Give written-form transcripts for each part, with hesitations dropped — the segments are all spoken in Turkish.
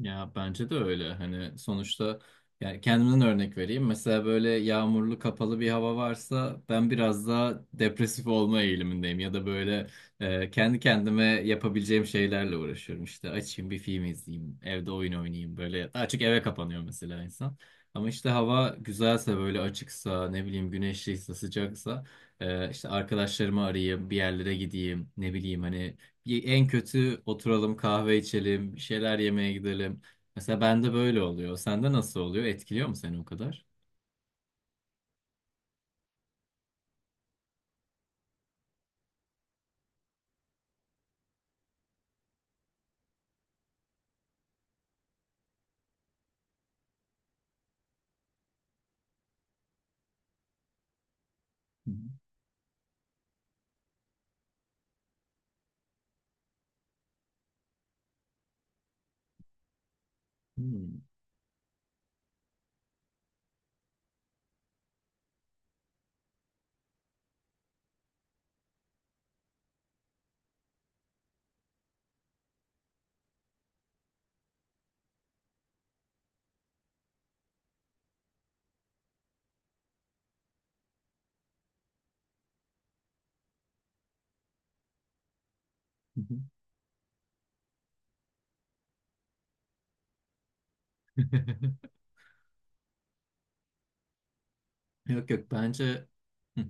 Ya bence de öyle. Hani sonuçta yani kendimden örnek vereyim. Mesela böyle yağmurlu kapalı bir hava varsa ben biraz daha depresif olma eğilimindeyim. Ya da böyle kendi kendime yapabileceğim şeylerle uğraşıyorum. İşte açayım bir film izleyeyim, evde oyun oynayayım böyle. Daha çok eve kapanıyor mesela insan. Ama işte hava güzelse böyle açıksa ne bileyim güneşliyse sıcaksa işte arkadaşlarımı arayayım bir yerlere gideyim ne bileyim hani en kötü oturalım kahve içelim, bir şeyler yemeye gidelim. Mesela bende böyle oluyor. Sende nasıl oluyor? Etkiliyor mu seni o kadar? Hı hı. Hmm. Yok yok bence. Hı.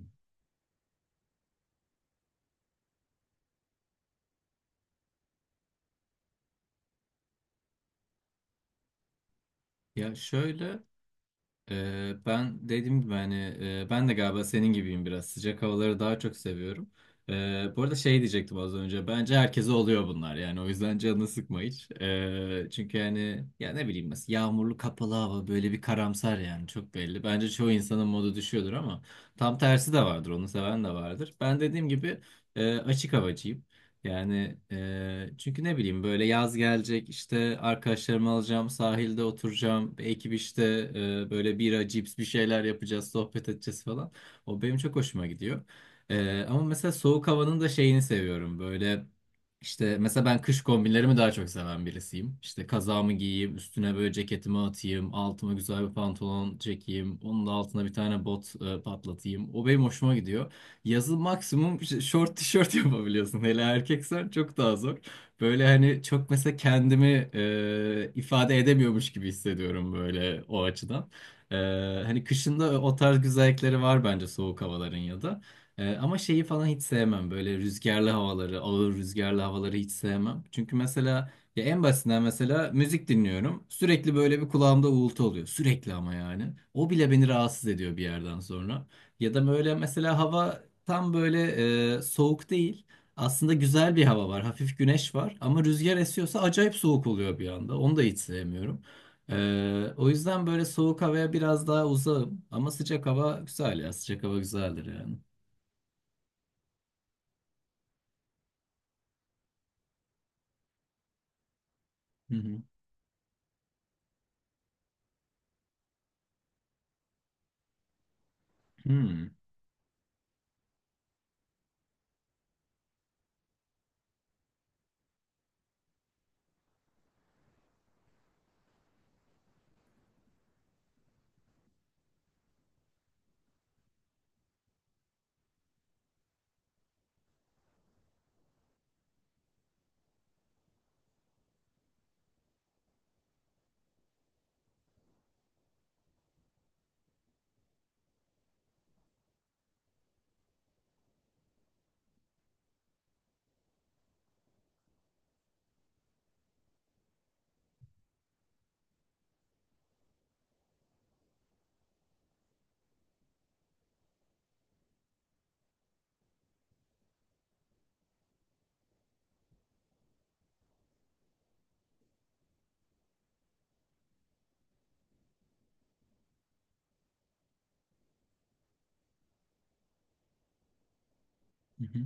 Ya şöyle. Ben dediğim gibi hani ben de galiba senin gibiyim biraz. Sıcak havaları daha çok seviyorum. Bu arada şey diyecektim az önce. Bence herkese oluyor bunlar. Yani o yüzden canını sıkma hiç. Çünkü yani ya ne bileyim mesela yağmurlu kapalı hava böyle bir karamsar yani çok belli. Bence çoğu insanın modu düşüyordur ama tam tersi de vardır. Onu seven de vardır. Ben dediğim gibi açık havacıyım. Yani çünkü ne bileyim böyle yaz gelecek işte arkadaşlarımı alacağım sahilde oturacağım bir ekip işte böyle bira cips bir şeyler yapacağız sohbet edeceğiz falan. O benim çok hoşuma gidiyor. Ama mesela soğuk havanın da şeyini seviyorum böyle işte mesela ben kış kombinlerimi daha çok seven birisiyim. İşte kazağımı giyeyim üstüne böyle ceketimi atayım altıma güzel bir pantolon çekeyim onun da altına bir tane bot patlatayım o benim hoşuma gidiyor. Yazın maksimum short tişört yapabiliyorsun. Hele erkeksen çok daha zor. Böyle hani çok mesela kendimi ifade edemiyormuş gibi hissediyorum böyle o açıdan. E, Hani kışında o tarz güzellikleri var bence soğuk havaların ya da. Ama şeyi falan hiç sevmem. Böyle rüzgarlı havaları, ağır rüzgarlı havaları hiç sevmem. Çünkü mesela ya en basitinden mesela müzik dinliyorum. Sürekli böyle bir kulağımda uğultu oluyor. Sürekli ama yani. O bile beni rahatsız ediyor bir yerden sonra. Ya da böyle mesela hava. Tam böyle soğuk değil. Aslında güzel bir hava var. Hafif güneş var. Ama rüzgar esiyorsa acayip soğuk oluyor bir anda. Onu da hiç sevmiyorum. O yüzden böyle soğuk havaya biraz daha uzağım. Ama sıcak hava güzel ya. Sıcak hava güzeldir yani. Hı hı. Hmm. Hı hı.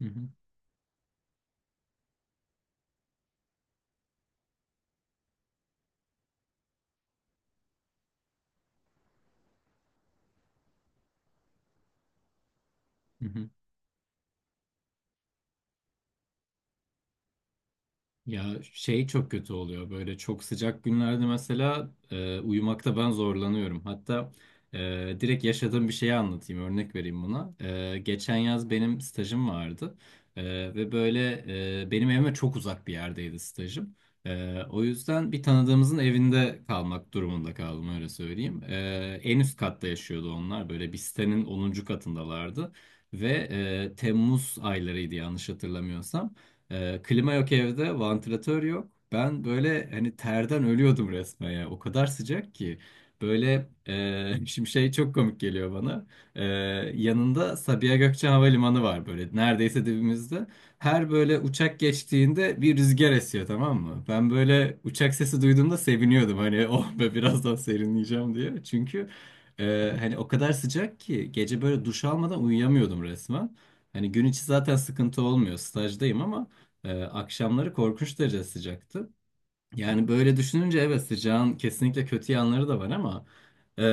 Hı hı. Hı hı. Ya şey çok kötü oluyor böyle çok sıcak günlerde mesela uyumakta ben zorlanıyorum. Hatta direkt yaşadığım bir şeyi anlatayım örnek vereyim buna. Geçen yaz benim stajım vardı. E, Ve böyle benim evime çok uzak bir yerdeydi stajım. O yüzden bir tanıdığımızın evinde kalmak durumunda kaldım öyle söyleyeyim. E, en üst katta yaşıyordu onlar böyle bir sitenin onuncu katındalardı. Ve Temmuz aylarıydı yanlış hatırlamıyorsam. Klima yok evde, vantilatör yok. Ben böyle hani terden ölüyordum resmen ya. O kadar sıcak ki. Böyle şimdi şey çok komik geliyor bana. Ee, Yanında Sabiha Gökçen Havalimanı var böyle neredeyse dibimizde. Her böyle uçak geçtiğinde bir rüzgar esiyor tamam mı? Ben böyle uçak sesi duyduğumda seviniyordum hani oh be birazdan serinleyeceğim diye. Çünkü hani o kadar sıcak ki gece böyle duş almadan uyuyamıyordum resmen. Hani gün içi zaten sıkıntı olmuyor stajdayım ama akşamları korkunç derece sıcaktı. Yani böyle düşününce evet sıcağın kesinlikle kötü yanları da var ama e,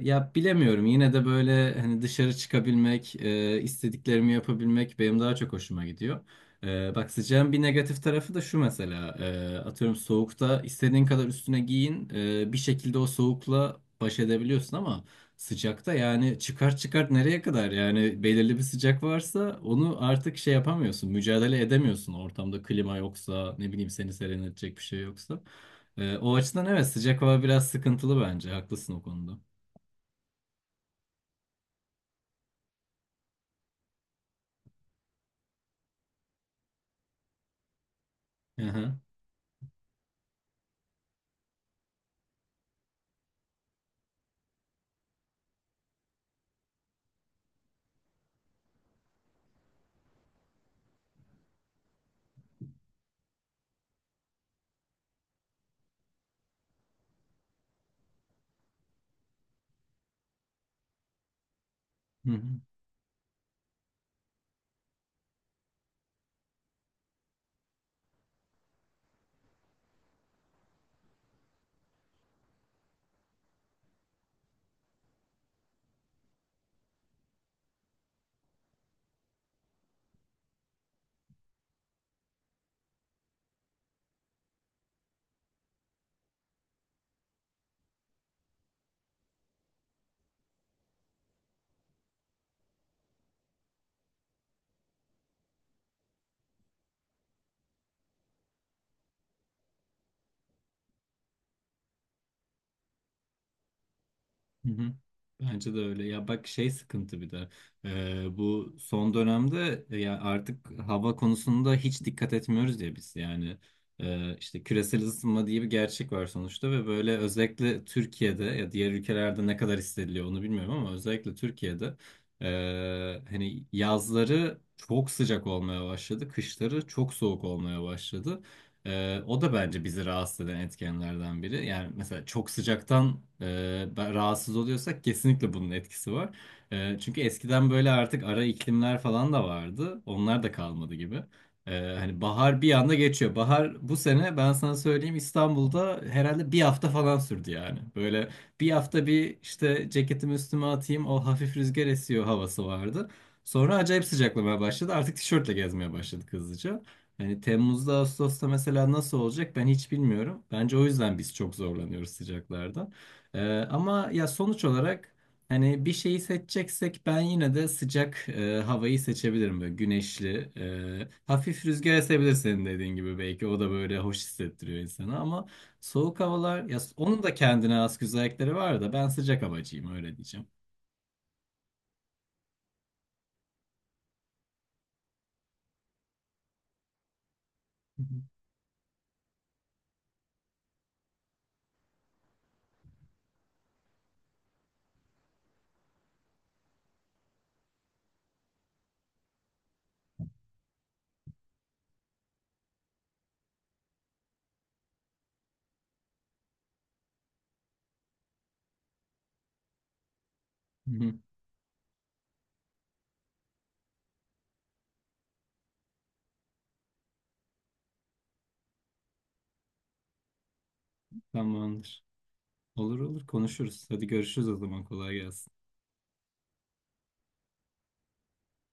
ya bilemiyorum yine de böyle hani dışarı çıkabilmek, istediklerimi yapabilmek benim daha çok hoşuma gidiyor. E, bak sıcağın bir negatif tarafı da şu mesela atıyorum soğukta istediğin kadar üstüne giyin bir şekilde o soğukla baş edebiliyorsun ama sıcakta yani çıkart çıkart nereye kadar yani belirli bir sıcak varsa onu artık şey yapamıyorsun mücadele edemiyorsun ortamda klima yoksa ne bileyim seni serinletecek bir şey yoksa. O açıdan evet sıcak hava biraz sıkıntılı bence haklısın o konuda. Aha. Hı hı. Hı hı. Bence de öyle. Ya bak şey sıkıntı bir de bu son dönemde ya artık hava konusunda hiç dikkat etmiyoruz ya biz yani. İşte küresel ısınma diye bir gerçek var sonuçta ve böyle özellikle Türkiye'de ya diğer ülkelerde ne kadar hissediliyor onu bilmiyorum ama özellikle Türkiye'de hani yazları çok sıcak olmaya başladı, kışları çok soğuk olmaya başladı. O da bence bizi rahatsız eden etkenlerden biri. Yani mesela çok sıcaktan rahatsız oluyorsak kesinlikle bunun etkisi var. Çünkü eskiden böyle artık ara iklimler falan da vardı. Onlar da kalmadı gibi. Hani bahar bir anda geçiyor. Bahar bu sene ben sana söyleyeyim İstanbul'da herhalde bir hafta falan sürdü yani. Böyle bir hafta bir işte ceketimi üstüme atayım o hafif rüzgar esiyor havası vardı. Sonra acayip sıcaklamaya başladı. Artık tişörtle gezmeye başladık hızlıca. Yani Temmuz'da, Ağustos'ta mesela nasıl olacak ben hiç bilmiyorum. Bence o yüzden biz çok zorlanıyoruz sıcaklarda. Ama ya sonuç olarak hani bir şeyi seçeceksek ben yine de sıcak havayı seçebilirim. Böyle güneşli, hafif rüzgar esebilir senin dediğin gibi belki. O da böyle hoş hissettiriyor insana ama soğuk havalar, ya onun da kendine has güzellikleri var da ben sıcak havacıyım öyle diyeceğim. Hı hı. Hı hı. Tamamdır. Olur olur konuşuruz. Hadi görüşürüz o zaman kolay gelsin.